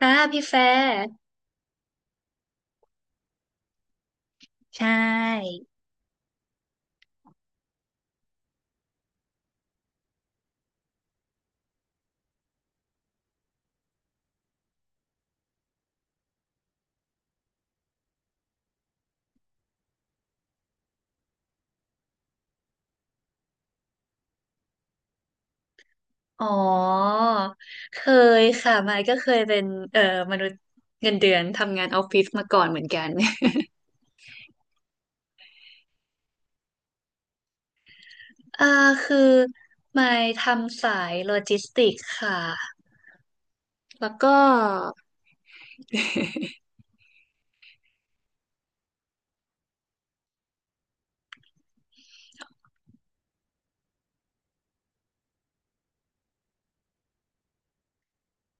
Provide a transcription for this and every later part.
อ่าพี่แฟร์ใช่อ๋อเคยค่ะมายก็เคยเป็นเอ่อมนุษย์เงินเดือนทำงานออฟฟิศมาก่อนเหมือนกัน อ่าคือมายทำสายโลจิสติกส์ค่ะแล้วก็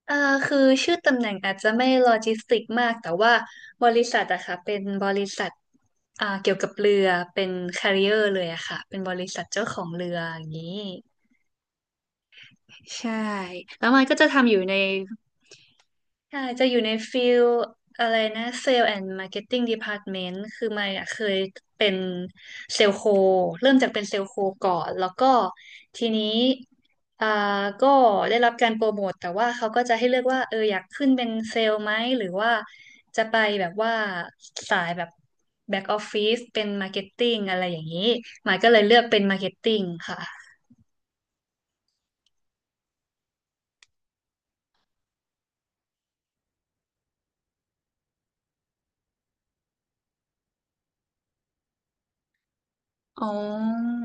เอ่าคือชื่อตำแหน่งอาจจะไม่โลจิสติกมากแต่ว่าบริษัทอะค่ะเป็นบริษัทเกี่ยวกับเรือเป็น carrier เลยอะค่ะเป็นบริษัทเจ้าของเรืออย่างนี้ใช่แล้วมันก็จะทำอยู่ใน ใช่จะอยู่ในฟิลอะไรนะเซลล์แอนด์มาร์เก็ตติ้งดีพาร์ตเมนต์คือมายอะเคยเป็นเซลล์โคเริ่มจากเป็นเซลล์โคก่อนแล้วก็ทีนี้อ่าก็ได้รับการโปรโมทแต่ว่าเขาก็จะให้เลือกว่าเอออยากขึ้นเป็นเซลล์ไหมหรือว่าจะไปแบบว่าสายแบบแบ็กออฟฟิศเป็นมาร์เก็ตติ้งอะไรอย่างนี้มายก็เลยเลือกเป็นมาร์เก็ตติ้งค่ะอ๋อ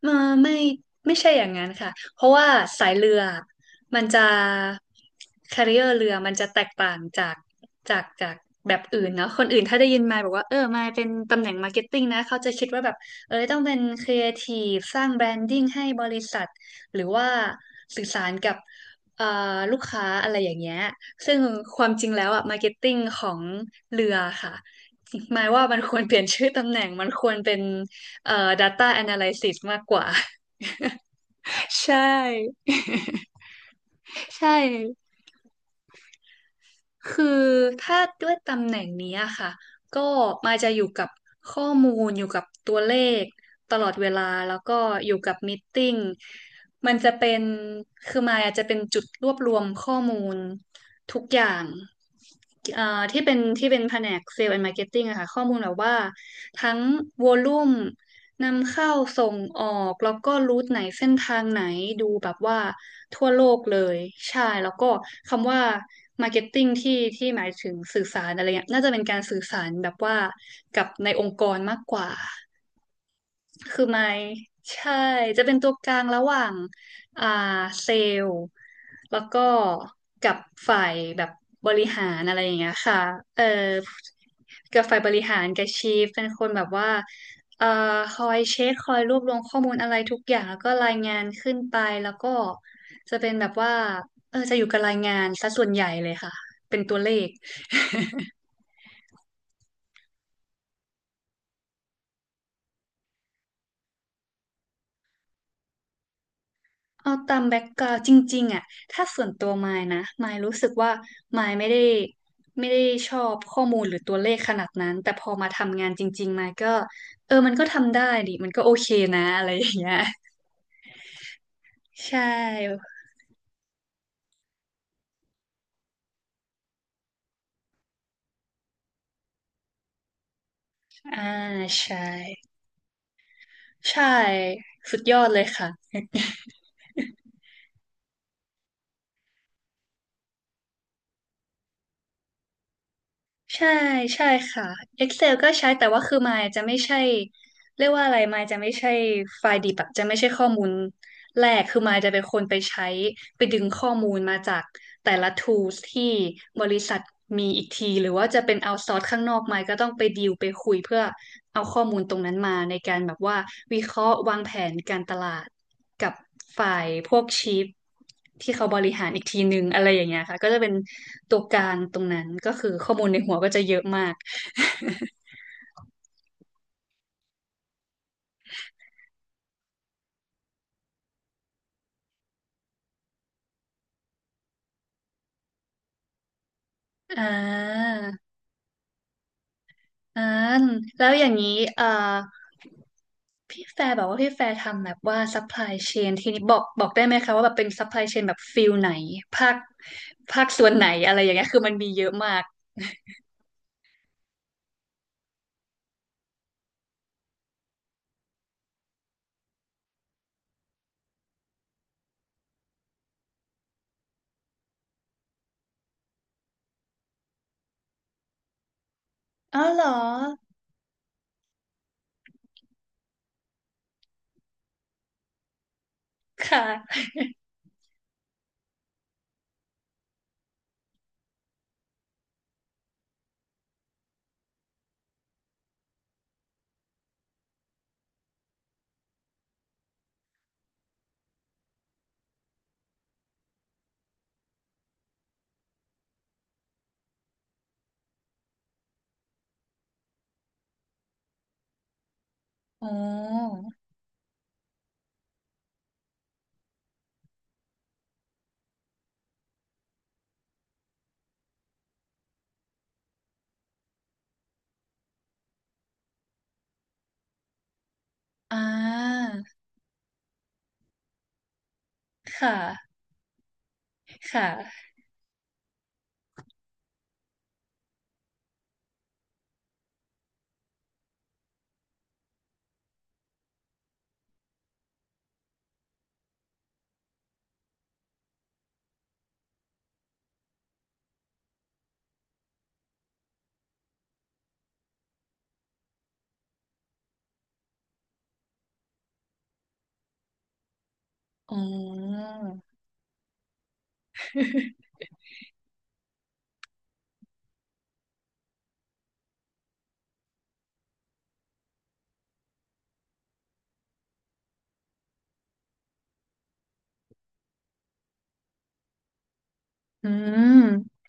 เออไม่ไม่ใช่อย่างนั้นค่ะเพราะว่าสายเรือมันจะแคริเออร์เรือมันจะแตกต่างจากจากแบบอื่นเนาะคนอื่นถ้าได้ยินมาบอกว่าเออมาเป็นตำแหน่งมาร์เก็ตติ้งนะเขาจะคิดว่าแบบเออต้องเป็นครีเอทีฟสร้างแบรนดิ้งให้บริษัทหรือว่าสื่อสารกับเอ่ลูกค้าอะไรอย่างเงี้ยซึ่งความจริงแล้วอะมาร์เก็ตติ้งของเรือค่ะหมายว่ามันควรเปลี่ยนชื่อตำแหน่งมันควรเป็น data analysis มากกว่า ใช่ ใช่คือถ้าด้วยตำแหน่งนี้อะค่ะก็มาจะอยู่กับข้อมูลอยู่กับตัวเลขตลอดเวลาแล้วก็อยู่กับม e e ติ้งมันจะเป็นคือมายอาจจะเป็นจุดรวบรวมข้อมูลทุกอย่างเอ่อที่เป็นแผนกเซลล์แอนด์มาร์เก็ตติ้งอะค่ะข้อมูลแบบว่าทั้งวอลลุ่ม นำเข้าส่งออกแล้วก็รูทไหนเส้นทางไหนดูแบบว่าทั่วโลกเลยใช่แล้วก็คำว่า Marketing ที่หมายถึงสื่อสารอะไรเงี้ยน่าจะเป็นการสื่อสารแบบว่ากับในองค์กรมากกว่า คือไม้ใช่จะเป็นตัวกลางระหว่างอ่าเซลล์แล้วก็กับฝ่ายแบบบริหารอะไรอย่างเงี้ยค่ะเออกับฝ่ายบริหารกับชีฟเป็นคนแบบว่าเอ่อคอยเช็คคอยรวบรวมข้อมูลอะไรทุกอย่างแล้วก็รายงานขึ้นไปแล้วก็จะเป็นแบบว่าเออจะอยู่กับรายงานซะส่วนใหญ่เลยค่ะเป็นตัวเลข เอาตามแบ็กกราวด์จริงๆอ่ะถ้าส่วนตัวมายนะมายรู้สึกว่ามายไม่ได้ชอบข้อมูลหรือตัวเลขขนาดนั้นแต่พอมาทำงานจริงๆมายก็เออมันก็ทำได้ดิมันก็โอเคนะอะไรอย่างเงี้ยใช่อ่าใช่ใช่สุดยอดเลยค่ะใช่ใช่ค่ะ Excel ก็ใช้แต่ว่าคือมายจะไม่ใช่เรียกว่าอะไรมายจะไม่ใช่ไฟล์ดิบอะจะไม่ใช่ข้อมูล แรกคือมายจะเป็นคนไปใช้ไปดึงข้อมูลมาจากแต่ละ tools ที่บริษัทมีอีกทีหรือว่าจะเป็นเอาซอร์สข้างนอกมายก็ต้องไปดีลไปคุยเพื่อเอาข้อมูลตรงนั้นมาในการแบบว่าวิเคราะห์วางแผนการตลาดกับฝ่ายพวกชีฟที่เขาบริหารอีกทีหนึ่งอะไรอย่างเงี้ยค่ะก็จะเป็นตัวกลางตรงนั้นก็คือข้อมูลในหัวก็จะเยอะมาก อ่า อ่าแล้วอย่างนี้เอ่อพี่แฟร์บอกว่าพี่แฟร์ทำแบบว่า supply chain ทีนี้บอกได้ไหมคะว่าแบบเป็น supply chain แบบฟิลไหนภาคภาคส่วนไหนอะไรอย่างเงี้ยคือมันมีเยอะมากอ๋อเหรอค่ะอ๋ออ่าค่ะค่ะอ๋ออืม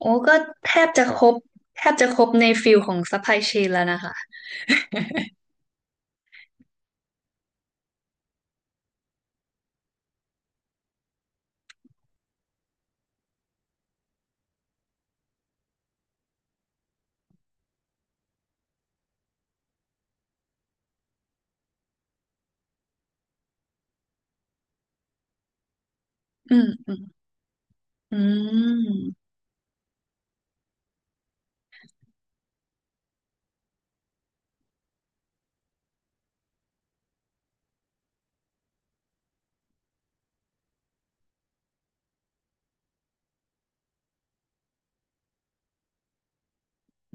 โอ้ก็แทบจะครบแทบจะครบในฟิลของซัพพลายเชนแล้วนะคะอืมอืมอืม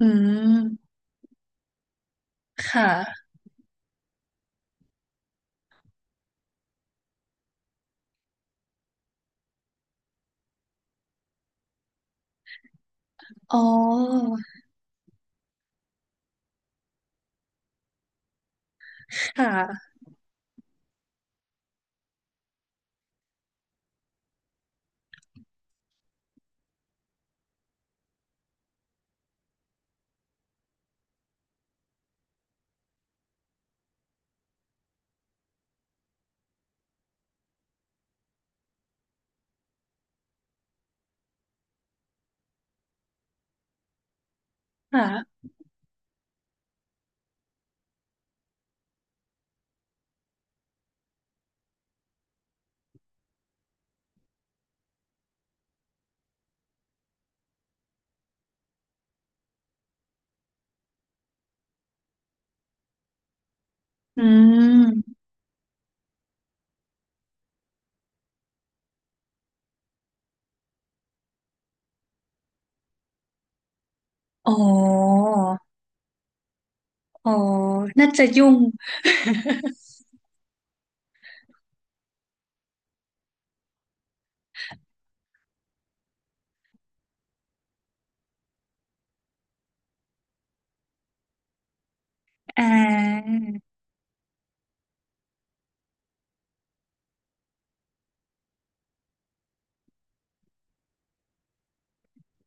อืมค่ะ อ๋อค่ะค่ะอืมอ๋ออ๋อน่าจะยุ่งอ่า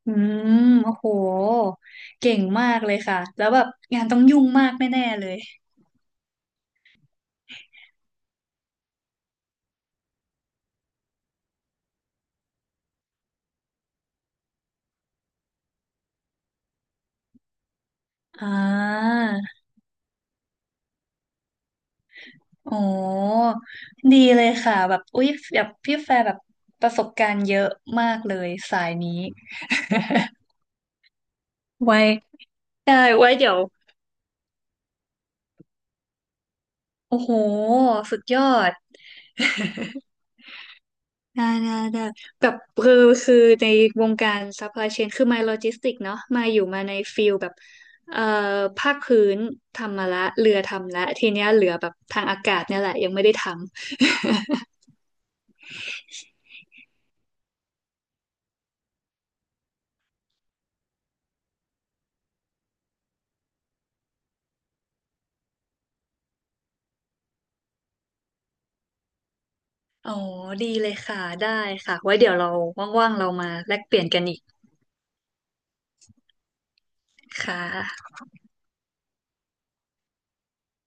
อืมโอ้โหเก่งมากเลยค่ะแล้วแบบงานต้องยุ่งมากแน่ๆเลยอ่าอ๋อดีเลยค่ะแบบอุ๊ยแบบพี่แฟร์แบบประสบการณ์เยอะมากเลยสายนี้ ไว้ได้ไว้เดี๋ยวโอ้โหสุดยอด ได้ได้ได้แบบคือคือในวงการซัพพลายเชนคือมาโลจิสติกเนาะมาอยู่มาในฟิลแบบเอ่อภาคพื้นทำมาละเรือทำละทีเนี้ยเหลือแบบทางอากาศเนี่ยแหละยังไม่ได้ทำ อ๋อดีเลยค่ะได้ค่ะไว้เดี๋ยวเราว่างๆเรามาแลกเปลี่ยนกันอีกค่ะ